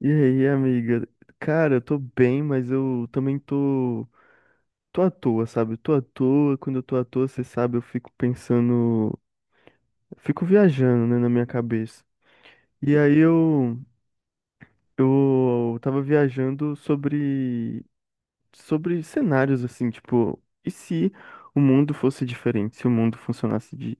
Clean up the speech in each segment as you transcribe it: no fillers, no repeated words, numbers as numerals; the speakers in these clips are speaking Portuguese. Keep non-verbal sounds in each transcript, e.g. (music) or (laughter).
E aí, amiga? Cara, eu tô bem, mas eu também tô, tô à toa, sabe? Eu tô à toa, quando eu tô à toa, você sabe, eu fico pensando, fico viajando, né, na minha cabeça. E aí eu tava viajando sobre cenários assim, tipo, e se o mundo fosse diferente, se o mundo funcionasse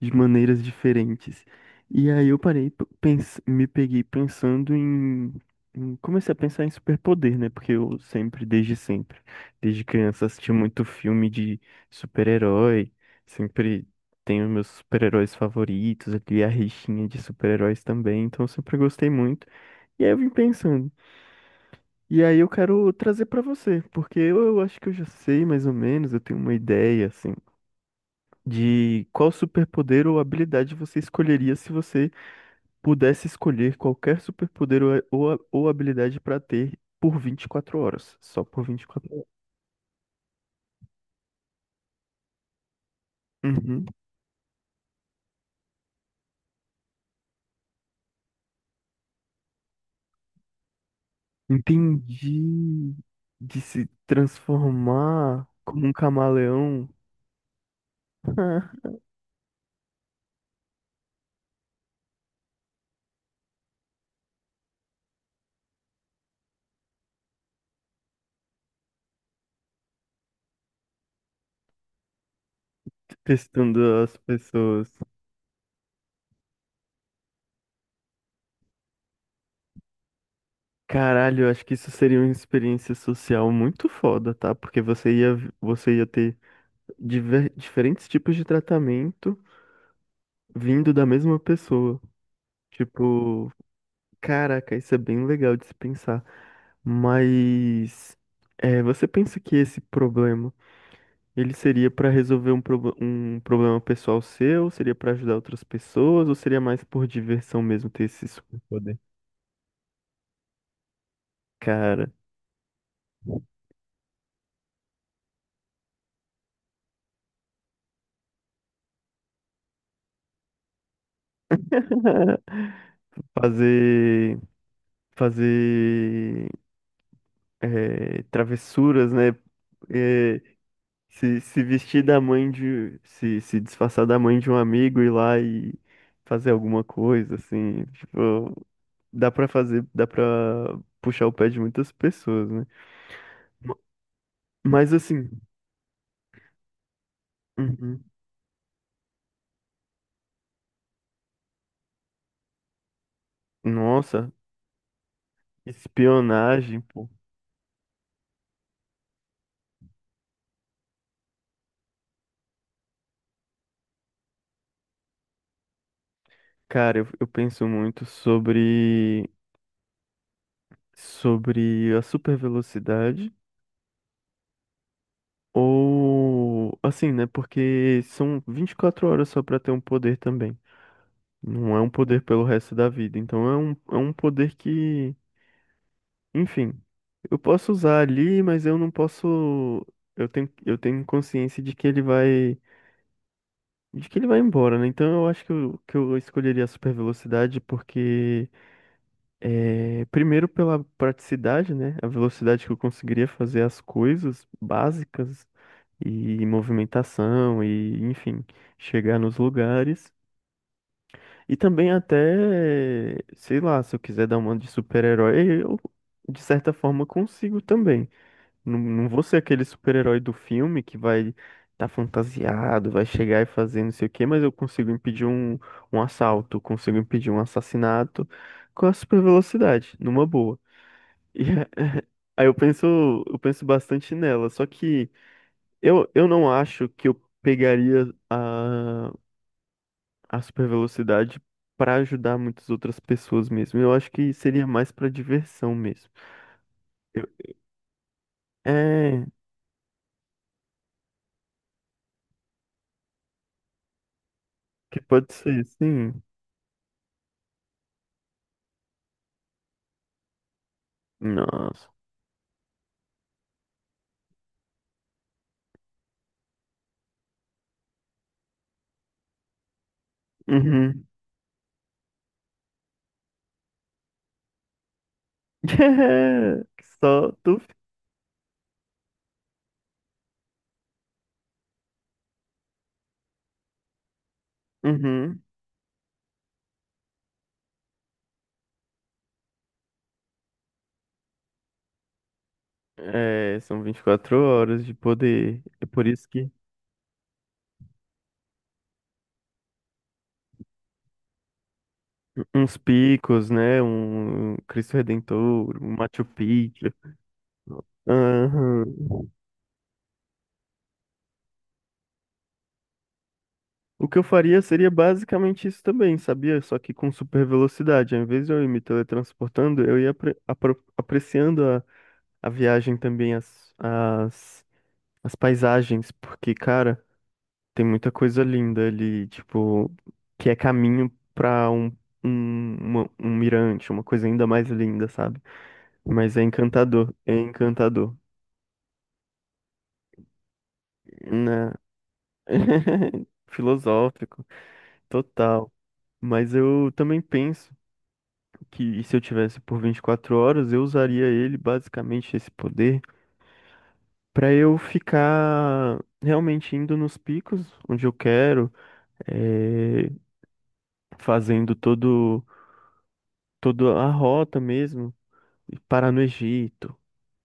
de maneiras diferentes? E aí eu parei, p- pens me peguei pensando em, Comecei a pensar em superpoder, né? Porque eu sempre, desde criança, assisti muito filme de super-herói, sempre tenho meus super-heróis favoritos, aqui a rixinha de super-heróis também, então eu sempre gostei muito. E aí eu vim pensando. E aí eu quero trazer pra você, porque eu acho que eu já sei mais ou menos, eu tenho uma ideia assim de qual superpoder ou habilidade você escolheria se você pudesse escolher qualquer superpoder ou habilidade pra ter por 24 horas, só por 24 horas. Uhum. Entendi. De se transformar como um camaleão, (laughs) testando as pessoas. Caralho, eu acho que isso seria uma experiência social muito foda, tá? Porque você ia ter diferentes tipos de tratamento vindo da mesma pessoa. Tipo, caraca, isso é bem legal de se pensar. Mas é, você pensa que esse problema, ele seria pra resolver um problema pessoal seu? Seria pra ajudar outras pessoas? Ou seria mais por diversão mesmo ter esse superpoder? Cara, fazer, fazer é, travessuras, né? É, se vestir da mãe de. Se disfarçar da mãe de um amigo, ir lá e fazer alguma coisa, assim. Tipo, dá pra fazer, dá pra puxar o pé de muitas pessoas, né? Mas assim. Uhum. Nossa, espionagem, pô. Cara, eu penso muito sobre. Sobre a super velocidade. Ou assim, né? Porque são 24 horas só pra ter um poder também. Não é um poder pelo resto da vida. Então é um poder que, enfim, eu posso usar ali, mas eu não posso. Eu tenho consciência de que de que ele vai embora, né? Então eu acho que que eu escolheria a super velocidade porque, é, primeiro pela praticidade, né? A velocidade que eu conseguiria fazer as coisas básicas e movimentação e, enfim, chegar nos lugares. E também até, sei lá, se eu quiser dar uma de super-herói, eu de certa forma consigo também. Não vou ser aquele super-herói do filme que vai estar fantasiado, vai chegar e fazer não sei o quê, mas eu consigo impedir um assalto, consigo impedir um assassinato com a super-velocidade, numa boa. E (laughs) aí eu penso bastante nela, só que eu não acho que eu pegaria a super velocidade para ajudar muitas outras pessoas mesmo. Eu acho que seria mais para diversão mesmo. É, que pode ser, sim. Nossa. Uhum. (laughs) Só tu. Uhum. É, são 24 horas de poder. É por isso que uns picos, né? Um Cristo Redentor, um Machu Picchu. Aham. O que eu faria seria basicamente isso também, sabia? Só que com super velocidade. Ao invés de eu ir me teletransportando, eu ia apreciando a viagem também, as paisagens, porque, cara, tem muita coisa linda ali, tipo, que é caminho pra um, um mirante, uma coisa ainda mais linda, sabe? Mas é encantador, né? (laughs) Filosófico, total. Mas eu também penso. Que se eu tivesse por 24 horas, eu usaria ele, basicamente esse poder, para eu ficar realmente indo nos picos onde eu quero, eh, fazendo todo toda a rota mesmo, e parar no Egito,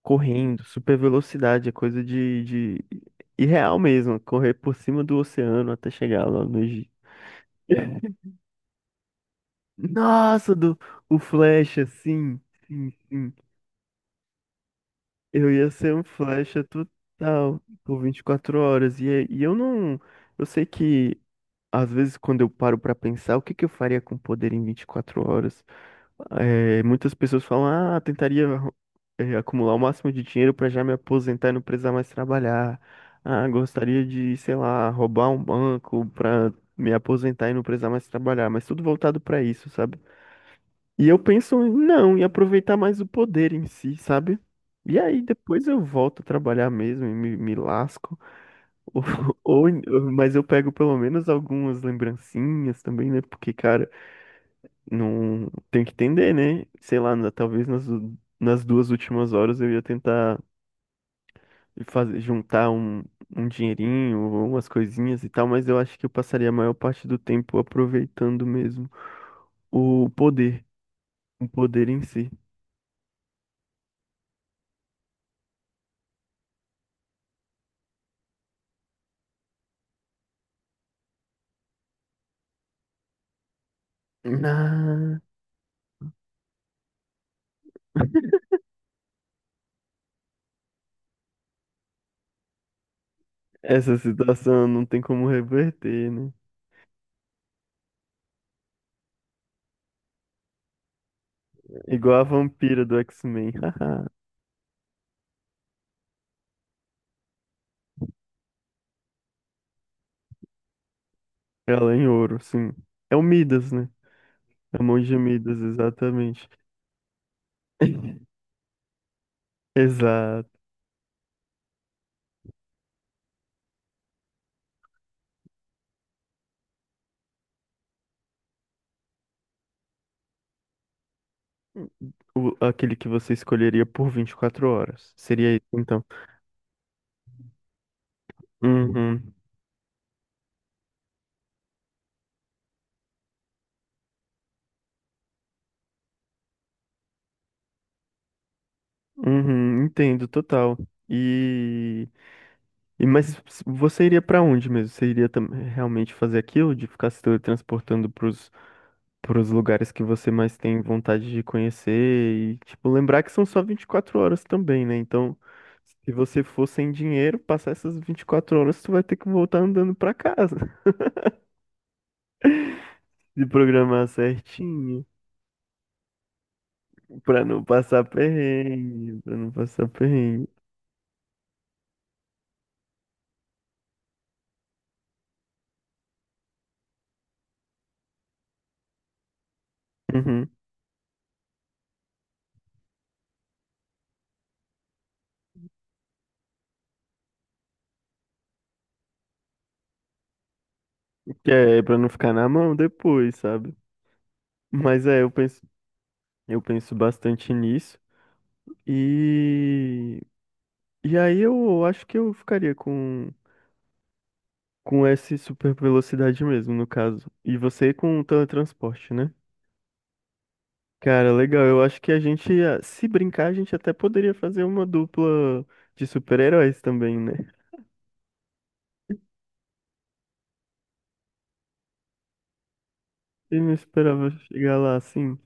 correndo, super velocidade, é coisa de irreal mesmo, correr por cima do oceano até chegar lá no Egito. (laughs) Nossa, do, o Flash, assim, sim. Eu ia ser um flecha total por 24 horas. E, e eu não. Eu sei que, às vezes, quando eu paro pra pensar, o que que eu faria com poder em 24 horas? É, muitas pessoas falam, ah, tentaria, é, acumular o máximo de dinheiro pra já me aposentar e não precisar mais trabalhar. Ah, gostaria de, sei lá, roubar um banco pra me aposentar e não precisar mais trabalhar. Mas tudo voltado pra isso, sabe? E eu penso em não, em aproveitar mais o poder em si, sabe? E aí depois eu volto a trabalhar mesmo e me lasco. (laughs) Ou, ou, em- mas eu pego pelo menos algumas lembrancinhas também, né? Porque, cara, não tem que entender, né? Sei lá, talvez nas 2 últimas horas eu ia tentar fazer, juntar um dinheirinho, ou umas coisinhas e tal, mas eu acho que eu passaria a maior parte do tempo aproveitando mesmo o poder, o poder em si. Ah. Essa situação não tem como reverter, né? Igual a vampira do X-Men. (laughs) Haha. Ela é em ouro, sim. É o Midas, né? É o monge Midas, exatamente. (laughs) Exato. O- aquele que você escolheria por 24 horas. Seria isso, então. Uhum. Uhum, entendo, total. E, e mas você iria pra onde mesmo? Você iria realmente fazer aquilo de ficar se teletransportando para para os lugares que você mais tem vontade de conhecer e, tipo, lembrar que são só 24 horas também, né? Então, se você for sem dinheiro, passar essas 24 horas, tu vai ter que voltar andando para casa. (laughs) Se programar certinho, para não passar perrengue, para não passar perrengue. Uhum. Que é para não ficar na mão depois, sabe? Mas é, eu penso bastante nisso. E e aí eu acho que eu ficaria com essa super velocidade mesmo, no caso. E você com o teletransporte, né? Cara, legal. Eu acho que a gente, ah, se brincar, a gente até poderia fazer uma dupla de super-heróis também, né? Eu não esperava chegar lá assim.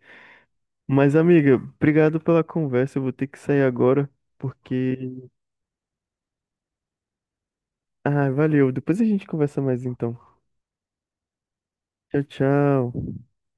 Mas, amiga, obrigado pela conversa. Eu vou ter que sair agora, porque. Ah, valeu. Depois a gente conversa mais então. Tchau, tchau.